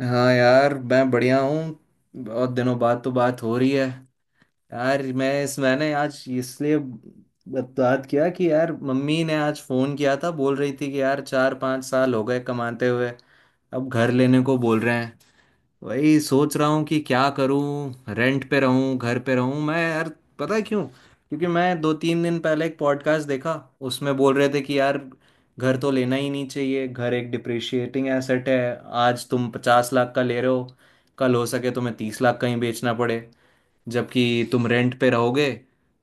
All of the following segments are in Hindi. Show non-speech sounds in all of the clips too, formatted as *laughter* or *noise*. हाँ यार, मैं बढ़िया हूँ। बहुत दिनों बाद तो बात हो रही है। यार, मैंने आज इसलिए बात किया कि यार, मम्मी ने आज फ़ोन किया था। बोल रही थी कि यार, 4-5 साल हो गए कमाते हुए। अब घर लेने को बोल रहे हैं। वही सोच रहा हूँ कि क्या करूँ, रेंट पे रहूँ, घर पे रहूँ। मैं यार पता है क्यों? क्योंकि मैं 2-3 दिन पहले एक पॉडकास्ट देखा। उसमें बोल रहे थे कि यार, घर तो लेना ही नहीं चाहिए। घर एक डिप्रिशिएटिंग एसेट है। आज तुम 50 लाख का ले रहे हो, कल हो सके तुम्हें 30 लाख का ही बेचना पड़े। जबकि तुम रेंट पे रहोगे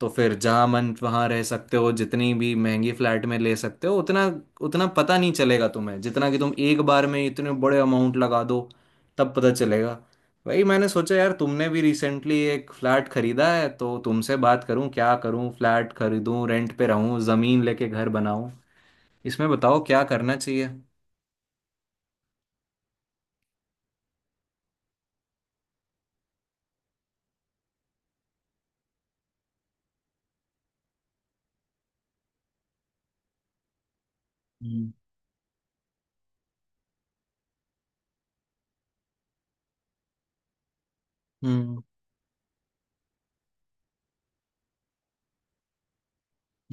तो फिर जहाँ मन वहाँ रह सकते हो, जितनी भी महंगी फ्लैट में ले सकते हो उतना उतना पता नहीं चलेगा तुम्हें, जितना कि तुम एक बार में इतने बड़े अमाउंट लगा दो, तब पता चलेगा। वही मैंने सोचा यार, तुमने भी रिसेंटली एक फ्लैट खरीदा है, तो तुमसे बात करूं, क्या करूं, फ्लैट खरीदूं, रेंट पे रहूं, ज़मीन लेके घर बनाऊं। इसमें बताओ क्या करना चाहिए। हम्म। हम्म।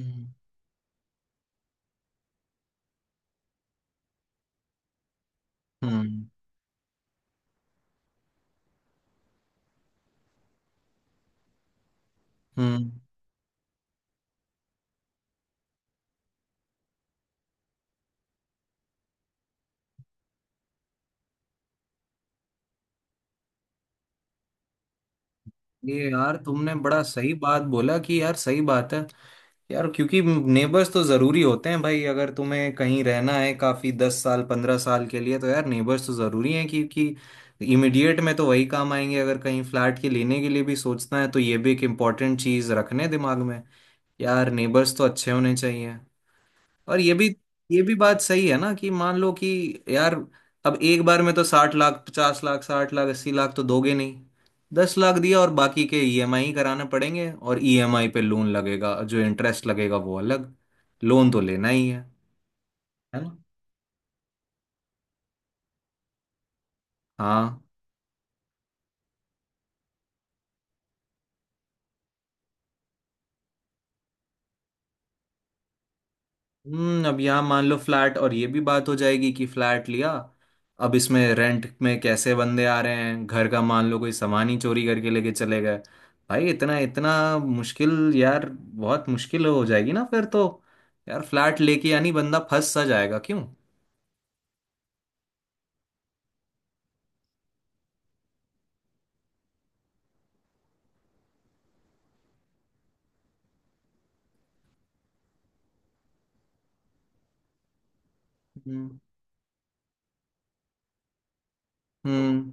हम्म। हम्म। हम्म। ये यार तुमने बड़ा सही बात बोला, कि यार सही बात है। यार, क्योंकि नेबर्स तो जरूरी होते हैं भाई। अगर तुम्हें कहीं रहना है काफी 10 साल 15 साल के लिए, तो यार नेबर्स तो जरूरी हैं, क्योंकि इमिडिएट में तो वही काम आएंगे। अगर कहीं फ्लैट के लेने के लिए भी सोचना है तो ये भी एक इम्पोर्टेंट चीज रखने दिमाग में। यार नेबर्स तो अच्छे होने चाहिए। और ये भी, ये भी बात सही है ना कि मान लो कि यार, अब एक बार में तो 60 लाख 50 लाख 60 लाख 80 लाख तो दोगे नहीं। 10 लाख दिया और बाकी के ईएमआई कराने पड़ेंगे, और ईएमआई पे लोन लगेगा, जो इंटरेस्ट लगेगा वो अलग। लोन तो लेना ही है ना। हाँ। हम्म। अब यहाँ मान लो फ्लैट, और ये भी बात हो जाएगी कि फ्लैट लिया, अब इसमें रेंट में कैसे बंदे आ रहे हैं घर का। मान लो कोई सामान ही चोरी करके लेके चले गए भाई। इतना इतना मुश्किल, यार बहुत मुश्किल हो जाएगी ना फिर तो। यार फ्लैट लेके यानी बंदा फंस सा जाएगा, क्यों? हम्म। हम्म।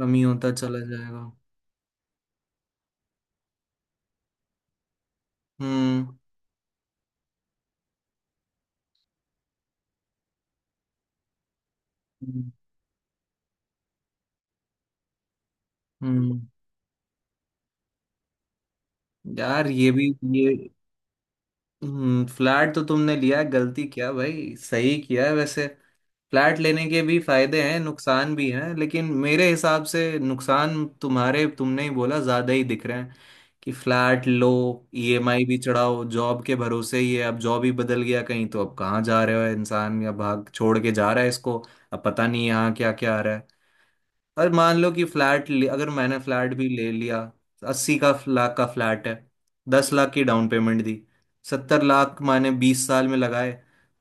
कमी होता चला जाएगा। हम्म। हम्म। हम्म। यार ये भी, ये हम्म। फ्लैट तो तुमने लिया है, गलती क्या भाई, सही किया है वैसे। फ्लैट लेने के भी फायदे हैं नुकसान भी हैं, लेकिन मेरे हिसाब से नुकसान तुम्हारे तुमने ही बोला ज्यादा ही दिख रहे हैं कि फ्लैट लो, ईएमआई भी चढ़ाओ, जॉब के भरोसे ही है। अब जॉब ही बदल गया कहीं, तो अब कहाँ जा रहे हो इंसान, या भाग छोड़ के जा रहा है इसको। अब पता नहीं यहाँ क्या क्या आ रहा है। और मान लो कि अगर मैंने फ्लैट भी ले लिया। 80 लाख का फ्लैट है, 10 लाख की डाउन पेमेंट दी, 70 लाख मैंने 20 साल में लगाए,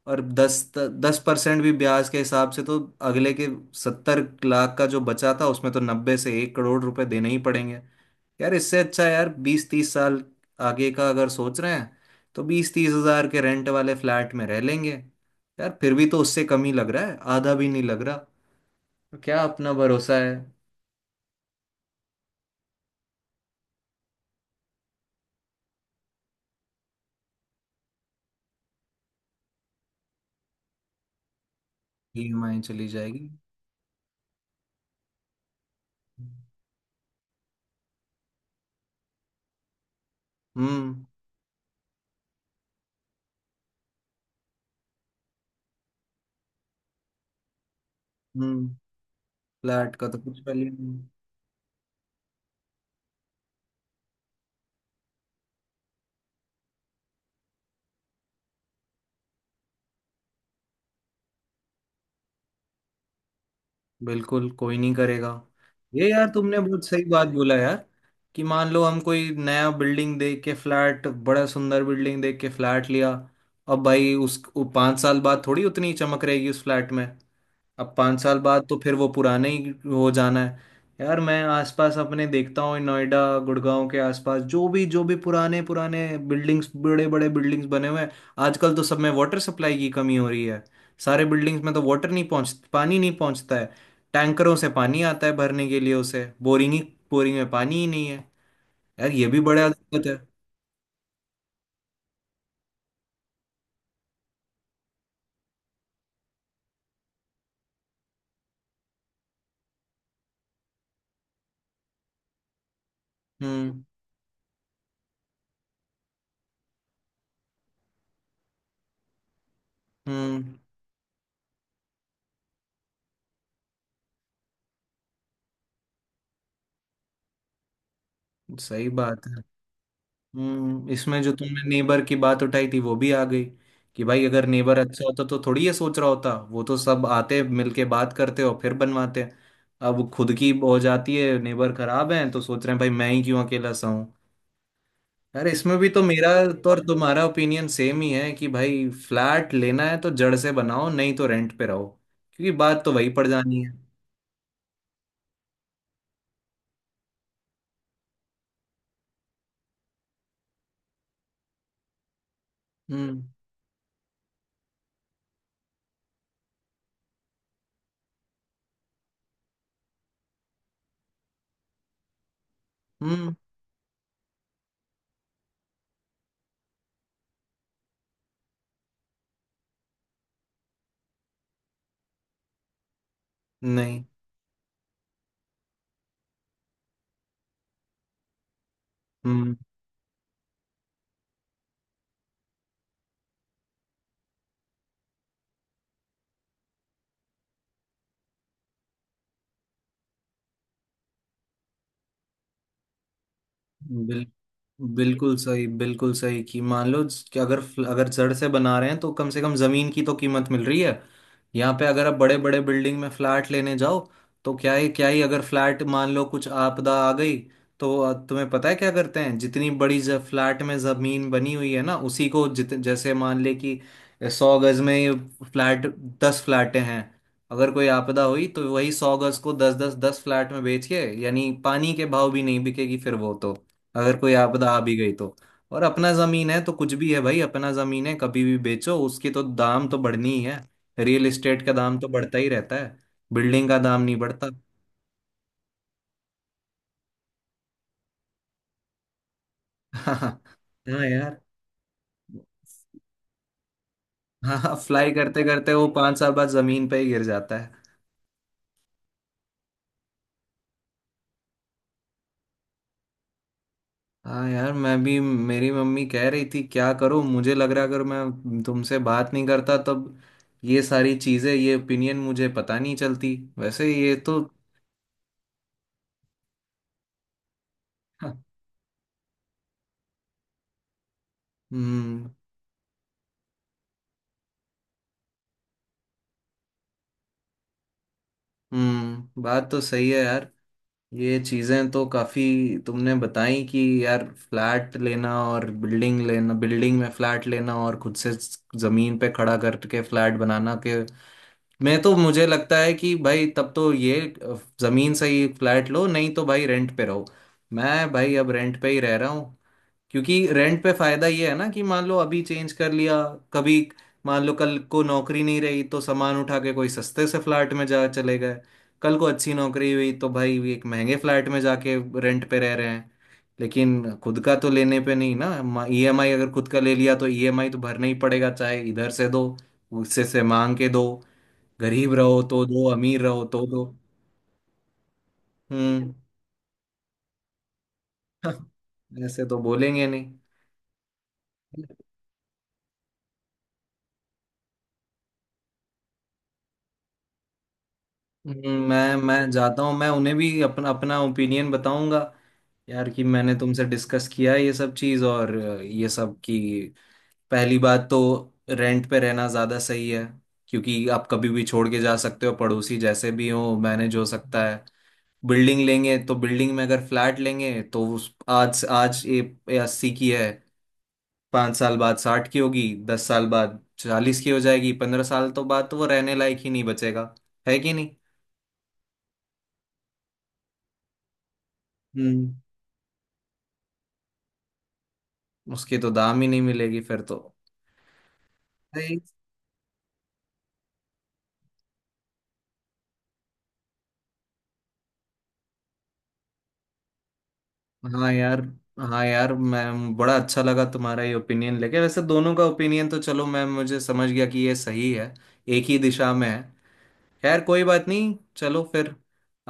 और 10-10% भी ब्याज के हिसाब से तो अगले के 70 लाख का जो बचा था उसमें तो 90 से 1 करोड़ रुपए देने ही पड़ेंगे। यार इससे अच्छा है यार 20-30 साल आगे का अगर सोच रहे हैं तो 20-30 हजार के रेंट वाले फ्लैट में रह लेंगे। यार फिर भी तो उससे कम ही लग रहा है, आधा भी नहीं लग रहा। तो क्या अपना भरोसा है। ईएमआई चली जाएगी। हम्म। हम्म। फ्लैट का तो कुछ वैल्यू नहीं। बिल्कुल कोई नहीं करेगा। ये यार तुमने बहुत सही बात बोला यार, कि मान लो हम कोई नया बिल्डिंग देख के, फ्लैट बड़ा सुंदर बिल्डिंग देख के फ्लैट लिया, अब भाई उस वो 5 साल बाद थोड़ी उतनी चमक रहेगी उस फ्लैट में। अब 5 साल बाद तो फिर वो पुराने ही हो जाना है। यार मैं आसपास अपने देखता हूँ, नोएडा गुड़गांव के आसपास जो भी पुराने पुराने बिल्डिंग्स बड़े बड़े बिल्डिंग्स बने हुए हैं, आजकल तो सब में वाटर सप्लाई की कमी हो रही है। सारे बिल्डिंग्स में तो वाटर नहीं पहुँच पानी नहीं पहुँचता है। टैंकरों से पानी आता है भरने के लिए, उसे बोरिंग में पानी ही नहीं है। यार ये भी बड़ा दिक्कत है। हम्म। हम्म। सही बात है। हम्म। इसमें जो तुमने नेबर की बात उठाई थी वो भी आ गई, कि भाई अगर नेबर अच्छा होता तो थोड़ी ये सोच रहा होता, वो तो सब आते मिलके बात करते और फिर बनवाते। अब वो खुद की हो जाती है, नेबर खराब है तो सोच रहे हैं भाई मैं ही क्यों अकेला सहूं। यार इसमें भी तो मेरा, तो और तुम्हारा ओपिनियन सेम ही है कि भाई फ्लैट लेना है तो जड़ से बनाओ नहीं तो रेंट पे रहो, क्योंकि बात तो वही पड़ जानी है। हम्म। हम्म। नहीं। हम्म। बिल्कुल सही, बिल्कुल सही, कि मान लो कि अगर, अगर जड़ से बना रहे हैं तो कम से कम जमीन की तो कीमत मिल रही है। यहाँ पे अगर आप बड़े बड़े बिल्डिंग में फ्लैट लेने जाओ, तो क्या ही, क्या ही अगर फ्लैट मान लो कुछ आपदा आ गई, तो तुम्हें पता है क्या करते हैं? जितनी बड़ी फ्लैट में जमीन बनी हुई है ना उसी को जित जैसे मान ले कि 100 गज में फ्लैट 10 फ्लैटें हैं, अगर कोई आपदा हुई तो वही 100 गज को दस दस दस फ्लैट में बेच के, यानी पानी के भाव भी नहीं बिकेगी फिर वो तो। अगर कोई आपदा आ भी गई तो। और अपना जमीन है तो कुछ भी है भाई, अपना जमीन है कभी भी बेचो उसकी तो दाम तो बढ़नी ही है। रियल एस्टेट का दाम तो बढ़ता ही रहता है, बिल्डिंग का दाम नहीं बढ़ता। *laughs* हाँ यार। हाँ, फ्लाई करते करते वो 5 साल बाद जमीन पे ही गिर जाता है। हाँ यार, मैं भी, मेरी मम्मी कह रही थी क्या करूँ, मुझे लग रहा अगर मैं तुमसे बात नहीं करता तब ये सारी चीजें, ये ओपिनियन मुझे पता नहीं चलती वैसे ये तो। हाँ। हम्म। हम्म। बात तो सही है यार। ये चीजें तो काफी तुमने बताई, कि यार फ्लैट लेना और बिल्डिंग लेना, बिल्डिंग में फ्लैट लेना और खुद से जमीन पे खड़ा करके फ्लैट बनाना के, मैं तो मुझे लगता है कि भाई तब तो ये जमीन से ही फ्लैट लो नहीं तो भाई रेंट पे रहो। मैं भाई अब रेंट पे ही रह रहा हूँ, क्योंकि रेंट पे फायदा ये है ना कि मान लो अभी चेंज कर लिया कभी, मान लो कल को नौकरी नहीं रही तो सामान उठा के कोई सस्ते से फ्लैट में जा चले गए। कल को अच्छी नौकरी हुई तो भाई ये एक महंगे फ्लैट में जाके रेंट पे रह रहे हैं। लेकिन खुद का तो लेने पे नहीं ना, ईएमआई अगर खुद का ले लिया तो ईएमआई तो भरना ही पड़ेगा, चाहे इधर से दो, उससे से मांग के दो, गरीब रहो तो दो, अमीर रहो तो दो। हम्म। *laughs* ऐसे तो बोलेंगे नहीं। मैं जाता हूँ, मैं उन्हें भी अपना अपना ओपिनियन बताऊंगा यार, कि मैंने तुमसे डिस्कस किया है ये सब चीज़ और ये सब की। पहली बात तो रेंट पे रहना ज़्यादा सही है, क्योंकि आप कभी भी छोड़ के जा सकते हो, पड़ोसी जैसे भी हो मैनेज हो सकता है। बिल्डिंग लेंगे तो बिल्डिंग में, अगर फ्लैट लेंगे तो उस आज आज ये 80 की है, 5 साल बाद 60 की होगी, 10 साल बाद 40 की हो जाएगी, 15 साल तो बाद तो वो रहने लायक ही नहीं बचेगा। है कि नहीं? हम्म। उसकी तो दाम ही नहीं मिलेगी फिर तो। भाई, हाँ यार। हाँ यार, मैं बड़ा अच्छा लगा तुम्हारा ये ओपिनियन लेके, वैसे दोनों का ओपिनियन तो चलो मैं, मुझे समझ गया कि ये सही है, एक ही दिशा में है। खैर कोई बात नहीं, चलो फिर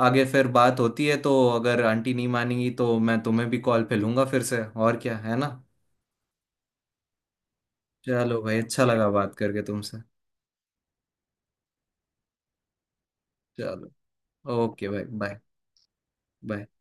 आगे फिर बात होती है, तो अगर आंटी नहीं मानेंगी तो मैं तुम्हें भी कॉल पे लूंगा फिर से, और क्या है ना। चलो भाई अच्छा लगा बात करके तुमसे। चलो। ओके भाई बाय। बाय।